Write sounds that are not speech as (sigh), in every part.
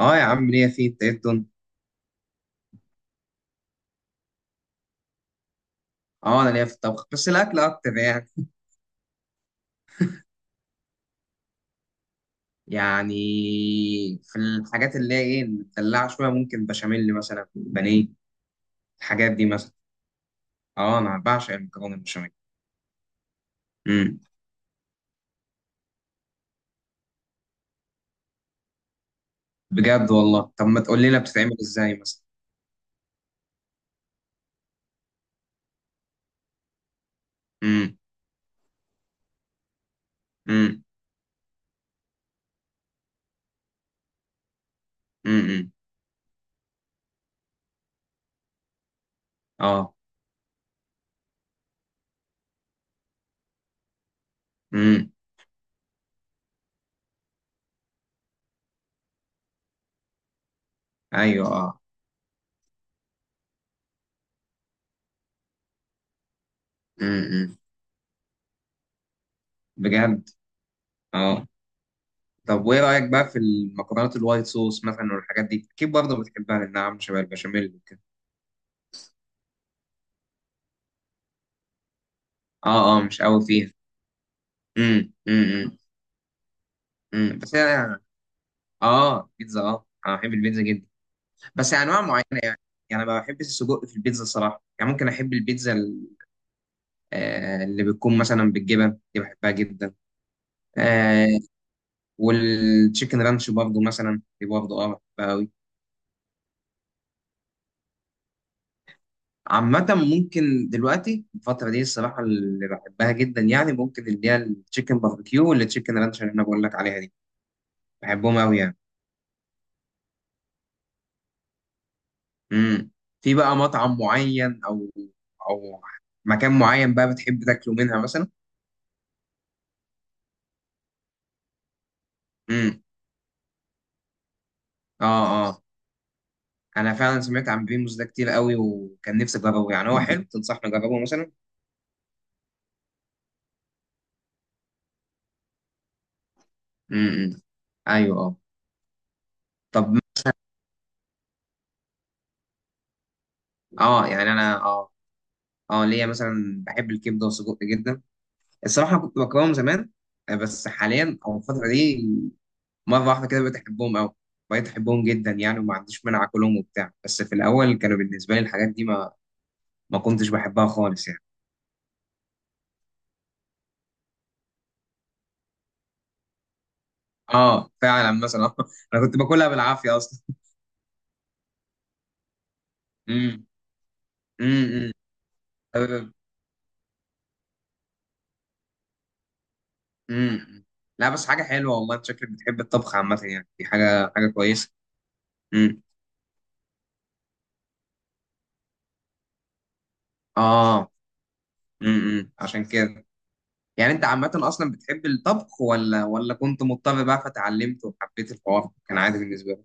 اه يا عم، ليا فيه التقدم. اه، انا ليا في الطبخ، بس الاكل اكتر يعني. يعني في الحاجات اللي هي ايه، مدلعه شويه، ممكن بشاميل مثلا، بانيه، الحاجات دي مثلا. اه، انا بعشق المكرونه البشاميل. امم. بجد والله؟ طب ما تقول لنا بتتعمل ازاي مثلا؟ امم، امم، امم. اه. امم. ايوه، اه. امم. بجد؟ اه. طب وايه رايك بقى في المكرونات الوايت صوص مثلا والحاجات دي؟ اكيد برضه بتحبها لانها عامله شبه البشاميل وكده. اه، اه، مش قوي فيها. امم، امم، امم. امم. بس انا يعني، اه، بيتزا، اه، انا بحب البيتزا جدا. بس انواع معينه يعني. يعني ما بحبش السجق في البيتزا الصراحه، يعني ممكن احب البيتزا اللي بتكون مثلا بالجبن دي بحبها جدا. آه. والتشيكن رانش برضه مثلا، دي برضه بحبها قوي. عامة ممكن دلوقتي الفترة دي الصراحة اللي بحبها جدا يعني، ممكن اللي هي التشيكن باربيكيو والتشيكن رانش اللي انا بقول لك عليها دي. بحبهم قوي يعني. امم. في بقى مطعم معين او مكان معين بقى بتحب تاكله منها مثلا؟ امم، اه، اه. انا فعلا سمعت عن بيموس ده كتير قوي، وكان نفسي اجربه يعني، هو حلو؟ تنصحني اجربه مثلا؟ امم. ايوه، اه. طب. اه، يعني انا، اه ليا مثلا بحب الكبده والسجق جدا. الصراحه كنت بكرههم زمان. بس حاليا او الفتره دي، مره واحده كده بقيت احبهم قوي. بقيت احبهم جدا يعني، وما عنديش مانع اكلهم وبتاع. بس في الاول كانوا بالنسبه لي الحاجات دي ما كنتش بحبها خالص يعني. اه فعلا مثلا، (laughs) انا كنت باكلها بالعافيه اصلا. امم، امم، امم. امم. لا، بس حاجه حلوه والله. انت شكلك بتحب الطبخ عامه يعني، دي حاجه كويسه. امم. اه. عشان كده. يعني انت عامه اصلا بتحب الطبخ، ولا كنت مضطر بقى فتعلمت وحبيت الحوار، كان عادي بالنسبه لك؟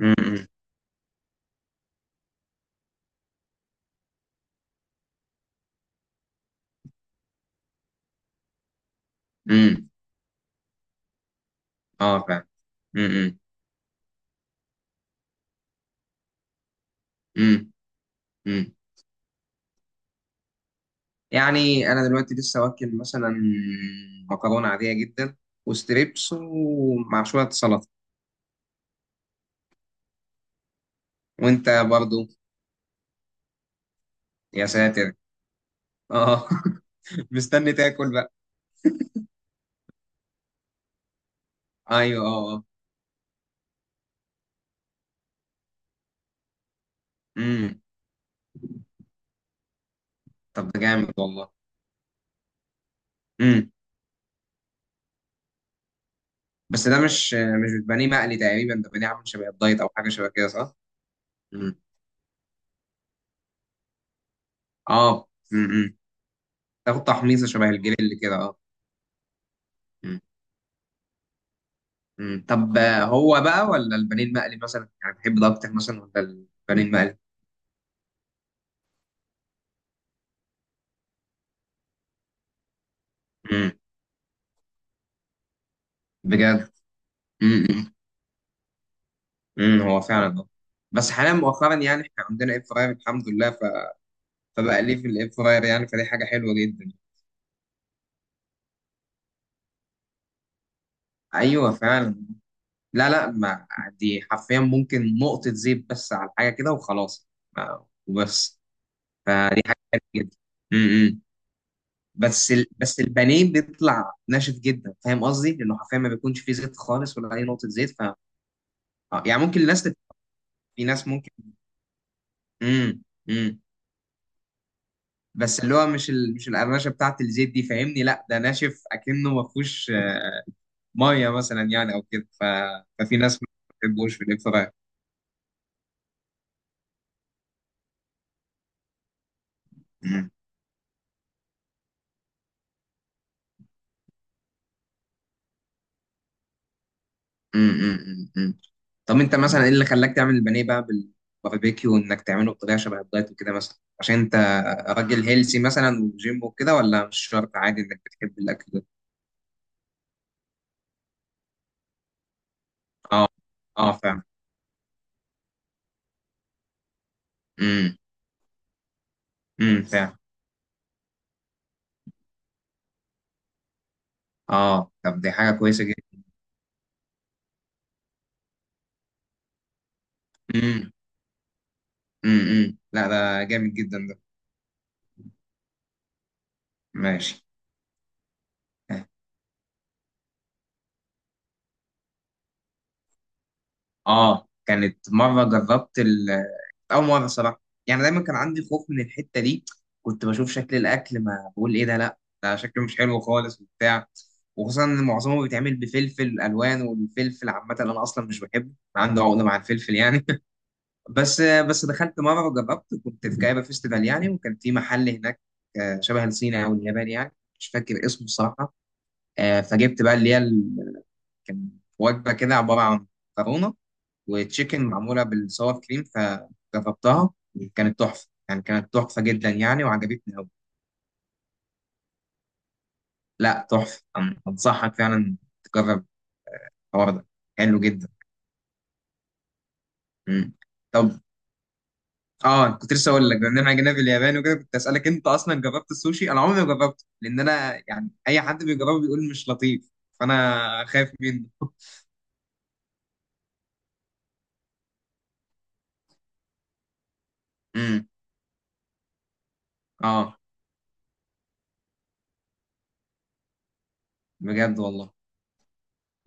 امم. امم. اه، فعلا. امم، امم. امم. يعني انا دلوقتي لسه واكل مثلا مكرونه عاديه جدا وستريبس، ومع شويه سلطه. وانت برضو؟ يا ساتر! اه. (laughs) مستني تاكل بقى. ايوه، اه، اه. امم. طب ده جامد والله. امم. بس ده مش بتبانيه مقلي تقريبا، ده بتبانيه عامل شبه الدايت او حاجه شبه كده، صح؟ امم، اه. امم. تاخد تحميصه شبه الجريل كده، اه. امم. أمم. طب هو بقى ولا البانيه المقلي مثلا، يعني بتحب ده اكتر مثلا ولا البانيه المقلي؟ امم. بجد؟ امم. أمم. هو فعلا اه. بس حاليا مؤخرا يعني احنا عندنا اير فراير الحمد لله فبقى ليه في الاير فراير يعني، فدي حاجه حلوه جدا. ايوه، فعلا. لا، لا، ما دي حرفيا ممكن نقطة زيت بس على حاجة كده وخلاص. وبس. فدي حاجة حلوة جدا. امم. بس البانيه بيطلع ناشف جدا، فاهم قصدي؟ لأنه حرفيا ما بيكونش فيه زيت خالص ولا أي نقطة زيت يعني ممكن الناس في ناس ممكن. امم، امم. بس اللي هو مش القرمشة بتاعت الزيت دي، فاهمني؟ لا ده ناشف أكنه ما فيهوش مية مثلا، يعني أو كده ففي ناس ما بتحبوش في الإير فراير. امم، امم. طب انت مثلا ايه اللي خلاك تعمل البانيه بقى بالباربيكيو، وانك تعمله بطريقه شبه الدايت وكده مثلا؟ عشان انت راجل هيلسي مثلا وجيم وكده، ولا مش شرط، عادي انك بتحب الاكل ده؟ اه، اه، فعلا. امم، امم، فعلا. اه، طب دي حاجه كويسه جدا. امم، امم، لا ده جامد جدا ده. ماشي. اه، كانت مره جربت أول مرة صراحة. يعني دايما كان عندي خوف من الحتة دي. كنت بشوف شكل الأكل ما بقول إيه ده، لأ، ده شكله مش حلو خالص وبتاع. وخصوصا إن معظمه بيتعمل بفلفل ألوان، والفلفل عامة أنا أصلا مش بحبه، عنده عقدة مع الفلفل يعني. (laughs) بس دخلت مرة وجربت، كنت في جايبة فيستيفال يعني، وكان في محل هناك شبه الصيني أو الياباني يعني، مش فاكر اسمه الصراحة. فجبت بقى اللي هي كان وجبة كده، عبارة عن مكرونة وتشيكن معموله بالصور كريم، فجربتها. كانت تحفه يعني، كانت تحفه جدا يعني، وعجبتني قوي. لا تحفه، انصحك فعلا تجرب الحوار ده، حلو جدا. مم. طب اه، كنت لسه اقول لك بما اننا جينا في اليابان وكده، كنت اسالك انت اصلا جربت السوشي؟ انا عمري ما جربته، لان انا يعني اي حد بيجربه بيقول مش لطيف، فانا خايف منه. امم. اه. بجد والله؟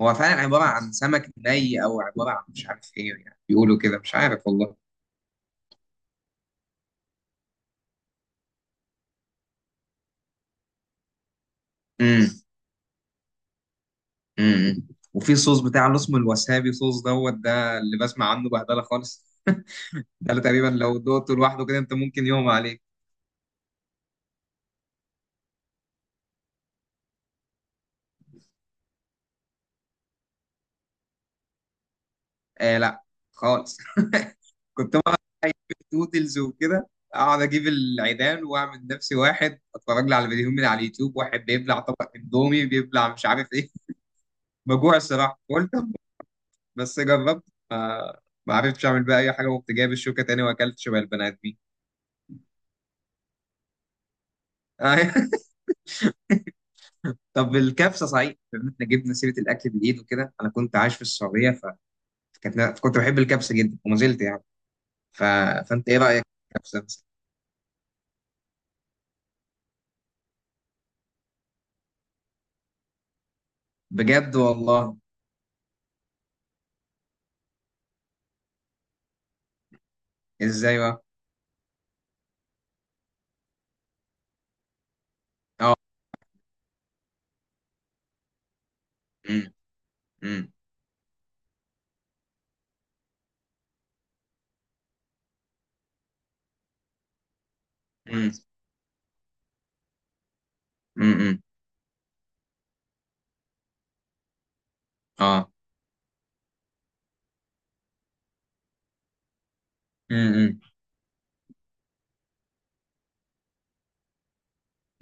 هو فعلا عباره عن سمك ني او عباره عن مش عارف ايه، يعني بيقولوا كده، مش عارف والله. امم، امم. وفي صوص بتاع اللي اسمه الوسابي صوص دوت، ده اللي بسمع عنه بهدله خالص. (laughs) ده اللي تقريبا لو دقته لوحده كده، انت ممكن يغمى عليك. آه، لا خالص. (laughs) كنت بقعد نودلز وكده، اقعد اجيب العيدان واعمل نفسي واحد، اتفرج لي على فيديوهات من على اليوتيوب، واحد بيبلع طبق اندومي، بيبلع مش عارف ايه. (laughs) مجوع الصراحه قلت. بس جربت ما ما عرفتش اعمل بقى اي حاجه، وقمت جايب الشوكه تاني واكلت شبه البني ادمين. (laughs) طب الكبسه صحيح، بما ان احنا جبنا سيره الاكل بالايد وكده، انا كنت عايش في السعوديه، فكنت كنت بحب الكبسه جدا وما زلت يعني ف... فانت ايه رايك في الكبسه مثلا؟ بجد والله؟ ازاي بقى؟ اه. امم، امم، امم، امم. اه. امم،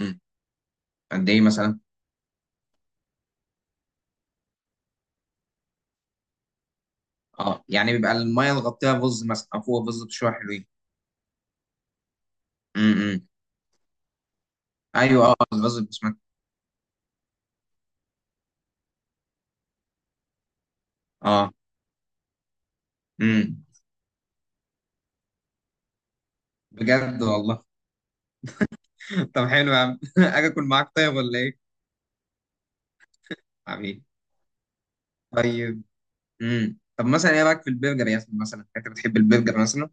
امم. قد ايه مثلا؟ اه يعني بيبقى الميه اللي غطيها رز مثلا، او فوق الرز بشويه حلوين. امم. ايوه، اه، الرز بسمك. اه. امم. بجد والله. (laughs) طب حلو يا عم، (laughs) اجي اكل معاك طيب ولا ايه؟ حبيبي. طيب. طب مثلا ايه رايك في البرجر يا اسطى؟ مثلا انت بتحب البرجر مثلا؟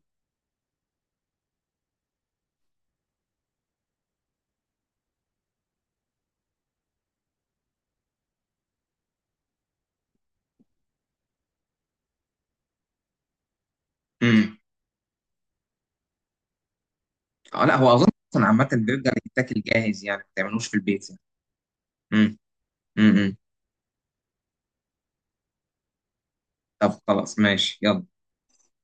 امم. اه لا، هو اظن اصلا عامه البرجر يتاكل جاهز يعني، ما تعملوش في البيت يعني. امم. امم، طب خلاص ماشي، يلا.